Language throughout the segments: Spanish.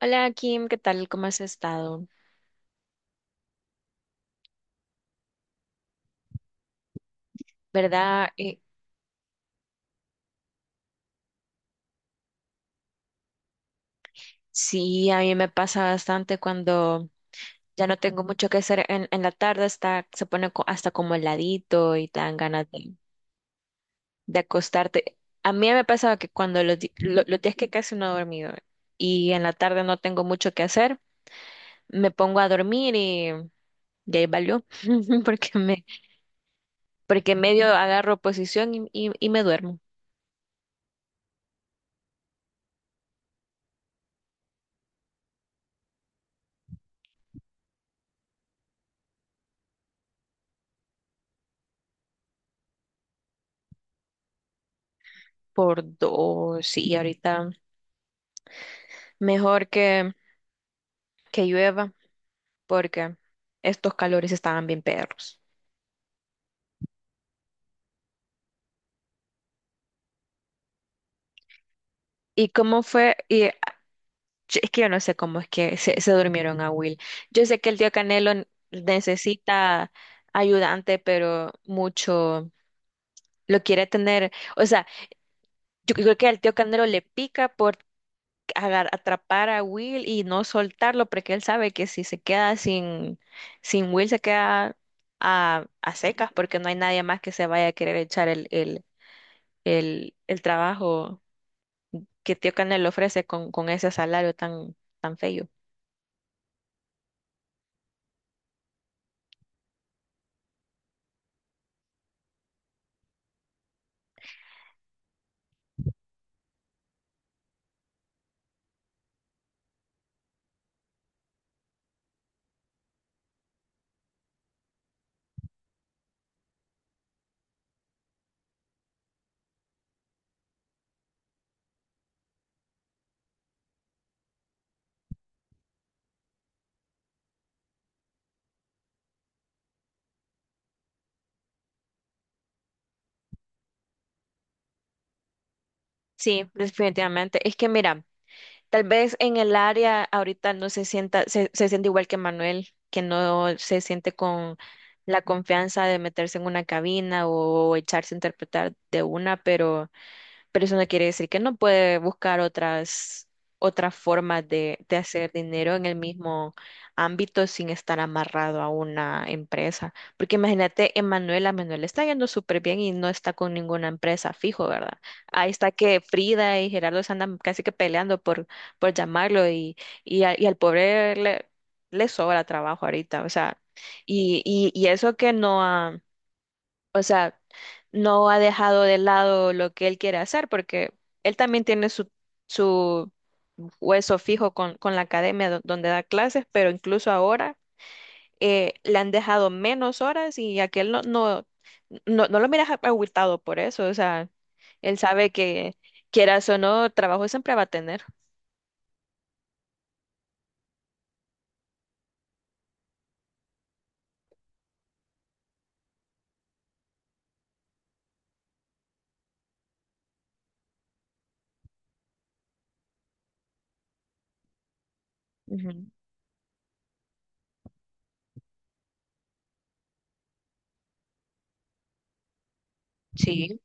Hola Kim, ¿qué tal? ¿Cómo has estado? ¿Verdad? Sí, a mí me pasa bastante cuando ya no tengo mucho que hacer en la tarde, hasta, se pone hasta como heladito y te dan ganas de acostarte. A mí me pasaba que cuando los días que casi no he dormido y en la tarde no tengo mucho que hacer, me pongo a dormir y, ya ahí valió, porque me, porque medio agarro posición y me duermo por dos, y ahorita mejor que, llueva. Porque estos calores estaban bien perros. ¿Y cómo fue? Y es que yo no sé cómo es que se durmieron a Will. Yo sé que el tío Canelo necesita ayudante, pero mucho lo quiere tener. O sea, yo creo que al tío Canelo le pica por atrapar a Will y no soltarlo, porque él sabe que si se queda sin, Will, se queda a secas, porque no hay nadie más que se vaya a querer echar el, trabajo que Tío Canel ofrece con, ese salario tan feo. Sí, definitivamente. Es que mira, tal vez en el área ahorita no se sienta, se siente igual que Manuel, que no se siente con la confianza de meterse en una cabina o echarse a interpretar de una, pero eso no quiere decir que no puede buscar otras, formas de hacer dinero en el mismo ámbito sin estar amarrado a una empresa. Porque imagínate, Manuela está yendo súper bien y no está con ninguna empresa fijo, ¿verdad? Ahí está que Frida y Gerardo se andan casi que peleando por, llamarlo y al pobre le sobra trabajo ahorita, o sea, y eso que no ha, o sea, no ha dejado de lado lo que él quiere hacer porque él también tiene su, hueso fijo con la academia donde da clases, pero incluso ahora le han dejado menos horas y aquel no lo miras agüitado por eso, o sea, él sabe que quieras o no, trabajo siempre va a tener. Ujú. Sí.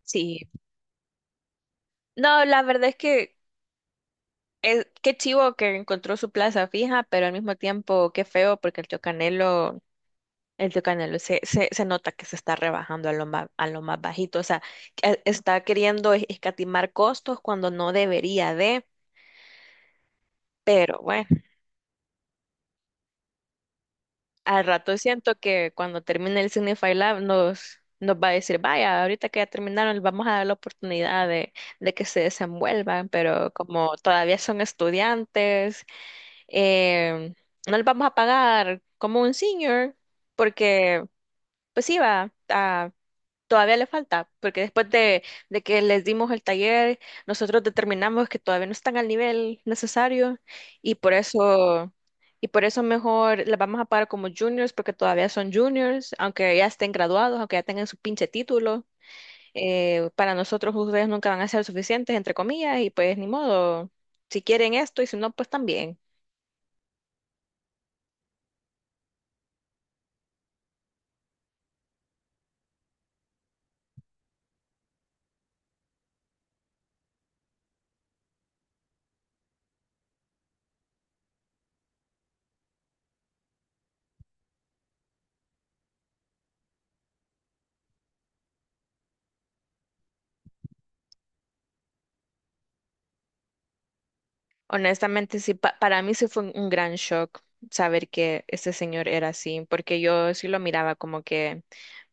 Sí. No, la verdad es que qué chivo que encontró su plaza fija, pero al mismo tiempo qué feo porque el tío Canelo, se nota que se está rebajando a lo más bajito, o sea, que está queriendo escatimar costos cuando no debería de, pero bueno, al rato siento que cuando termine el Signify Lab nos, va a decir, vaya, ahorita que ya terminaron, vamos a dar la oportunidad de que se desenvuelvan, pero como todavía son estudiantes eh, no les vamos a pagar como un senior, porque pues sí va, todavía le falta, porque después de que les dimos el taller, nosotros determinamos que todavía no están al nivel necesario y por eso, y por eso mejor les vamos a pagar como juniors, porque todavía son juniors, aunque ya estén graduados, aunque ya tengan su pinche título. Para nosotros ustedes nunca van a ser suficientes, entre comillas, y pues ni modo, si quieren esto y si no, pues también. Honestamente, sí, para mí sí fue un gran shock saber que ese señor era así, porque yo sí lo miraba como que,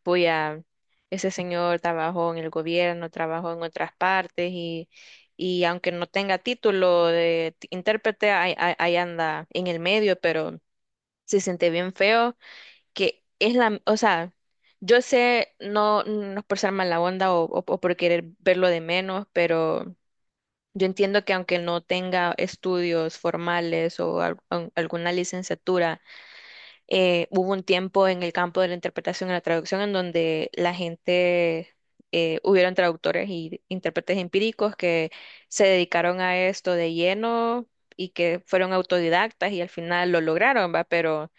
voy a, ese señor trabajó en el gobierno, trabajó en otras partes y aunque no tenga título de intérprete, ahí anda en el medio, pero se siente bien feo, que es la, o sea, yo sé, no, no es por ser mala onda o, o por querer verlo de menos, pero... Yo entiendo que aunque no tenga estudios formales o alguna licenciatura. Hubo un tiempo en el campo de la interpretación y la traducción en donde la gente, hubieron traductores y intérpretes empíricos que se dedicaron a esto de lleno y que fueron autodidactas y al final lo lograron, ¿va? Pero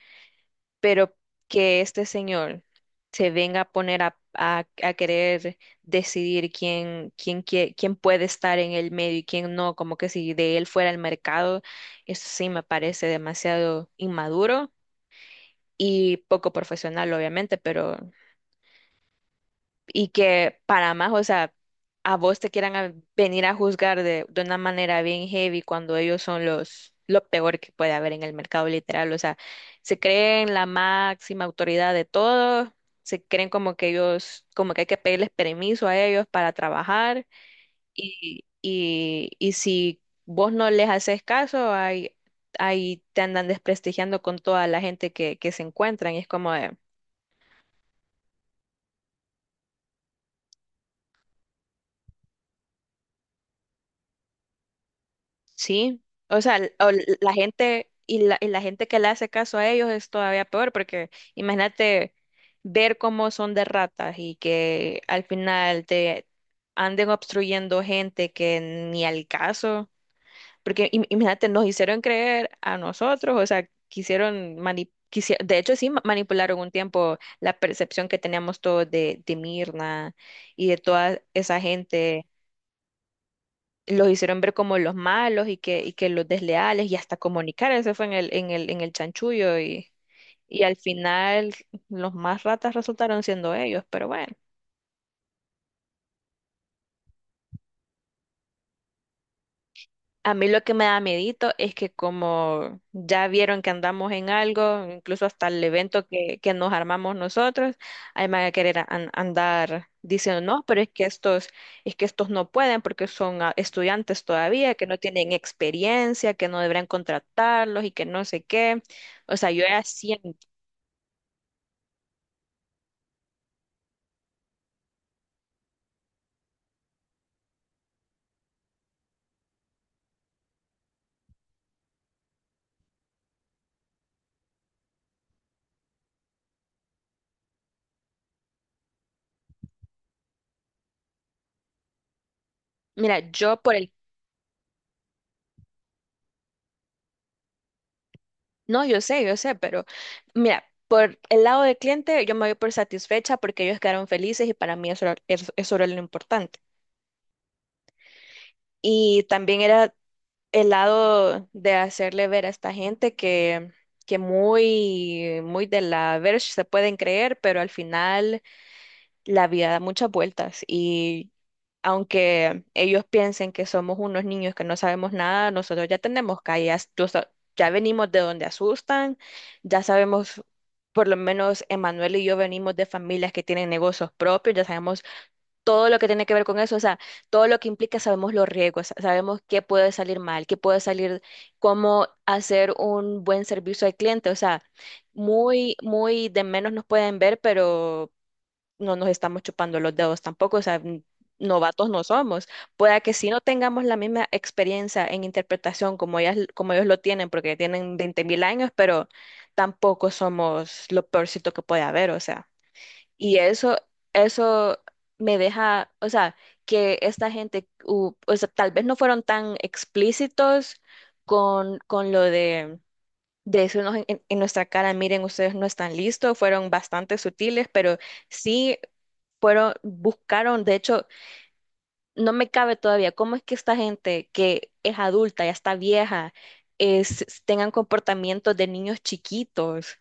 pero que este señor se venga a poner a, a querer decidir quién puede estar en el medio y quién no, como que si de él fuera el mercado, eso sí me parece demasiado inmaduro y poco profesional, obviamente, pero y que para más, o sea, a vos te quieran venir a juzgar de, una manera bien heavy cuando ellos son los lo peor que puede haber en el mercado literal, o sea, se creen la máxima autoridad de todo, se creen como que ellos, como que hay que pedirles permiso a ellos para trabajar y si vos no les haces caso, ahí te andan desprestigiando con toda la gente que, se encuentran y es como de, sí, o sea, la gente y la gente que le hace caso a ellos es todavía peor, porque imagínate ver cómo son de ratas y que al final te anden obstruyendo gente que ni al caso, porque imagínate, nos hicieron creer a nosotros, o sea, de hecho sí manipularon un tiempo la percepción que teníamos todos de Mirna y de toda esa gente los hicieron ver como los malos y que los desleales y hasta comunicar, eso fue en el, en el chanchullo y al final los más ratas resultaron siendo ellos, pero bueno. A mí lo que me da medito es que como ya vieron que andamos en algo, incluso hasta el evento que, nos armamos nosotros, ahí me van a querer andar diciendo, no, pero es que estos no pueden porque son estudiantes todavía, que no tienen experiencia, que no deberían contratarlos y que no sé qué. O sea, yo ya siento, mira, no, yo sé, pero mira. Por el lado del cliente, yo me voy por satisfecha porque ellos quedaron felices y para mí eso era lo importante. Y también era el lado de hacerle ver a esta gente que, muy, muy de la verge se pueden creer, pero al final la vida da muchas vueltas. Y aunque ellos piensen que somos unos niños que no sabemos nada, nosotros ya tenemos calles, ya venimos de donde asustan, ya sabemos, por lo menos Emanuel y yo venimos de familias que tienen negocios propios, ya sabemos todo lo que tiene que ver con eso, o sea, todo lo que implica, sabemos los riesgos, sabemos qué puede salir mal, cómo hacer un buen servicio al cliente, o sea, muy, muy de menos nos pueden ver, pero no nos estamos chupando los dedos tampoco, o sea, novatos no somos. Pueda que si no tengamos la misma experiencia en interpretación como ellas, como ellos lo tienen, porque tienen 20.000 años, pero tampoco somos lo peorcito que puede haber, o sea. Y eso me deja, o sea, que esta gente, o sea, tal vez no fueron tan explícitos con, lo de, decirnos en, en nuestra cara, miren, ustedes no están listos, fueron bastante sutiles, pero sí fueron, buscaron, de hecho, no me cabe todavía cómo es que esta gente que es adulta, ya está vieja, tengan comportamientos de niños chiquitos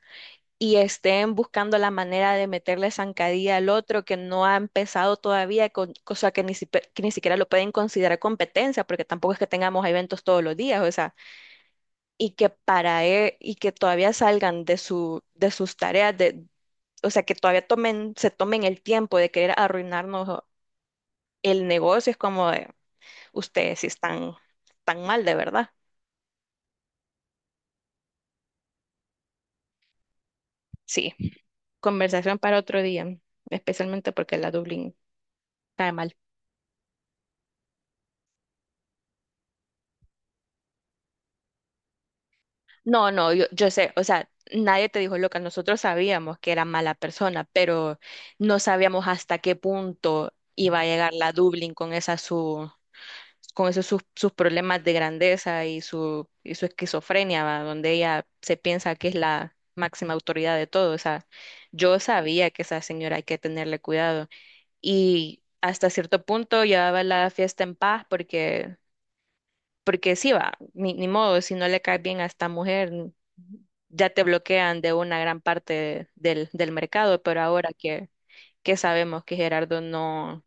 y estén buscando la manera de meterle zancadilla al otro que no ha empezado todavía, cosa que ni, que ni siquiera lo pueden considerar competencia, porque tampoco es que tengamos eventos todos los días, o sea, y que para y que todavía salgan de sus tareas, de, o sea, que todavía se tomen el tiempo de querer arruinarnos el negocio, es como de, ustedes sí están tan mal de verdad. Sí, conversación para otro día, especialmente porque la Dublín cae mal. No, no, yo, sé, o sea, nadie te dijo loca, nosotros sabíamos que era mala persona, pero no sabíamos hasta qué punto iba a llegar la Dublín con esos sus problemas de grandeza y su esquizofrenia, ¿va? Donde ella se piensa que es la máxima autoridad de todo, o sea, yo sabía que esa señora hay que tenerle cuidado y hasta cierto punto llevaba la fiesta en paz porque sí va, ni modo, si no le cae bien a esta mujer, ya te bloquean de una gran parte del, mercado, pero ahora que, sabemos que Gerardo no,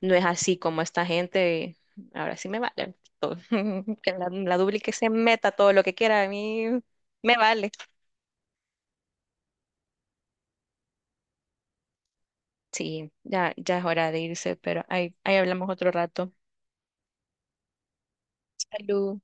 no es así como esta gente, ahora sí me vale todo. Que la Dubli que se meta todo lo que quiera, a mí me vale. Sí, ya, ya es hora de irse, pero ahí hablamos otro rato. Salud.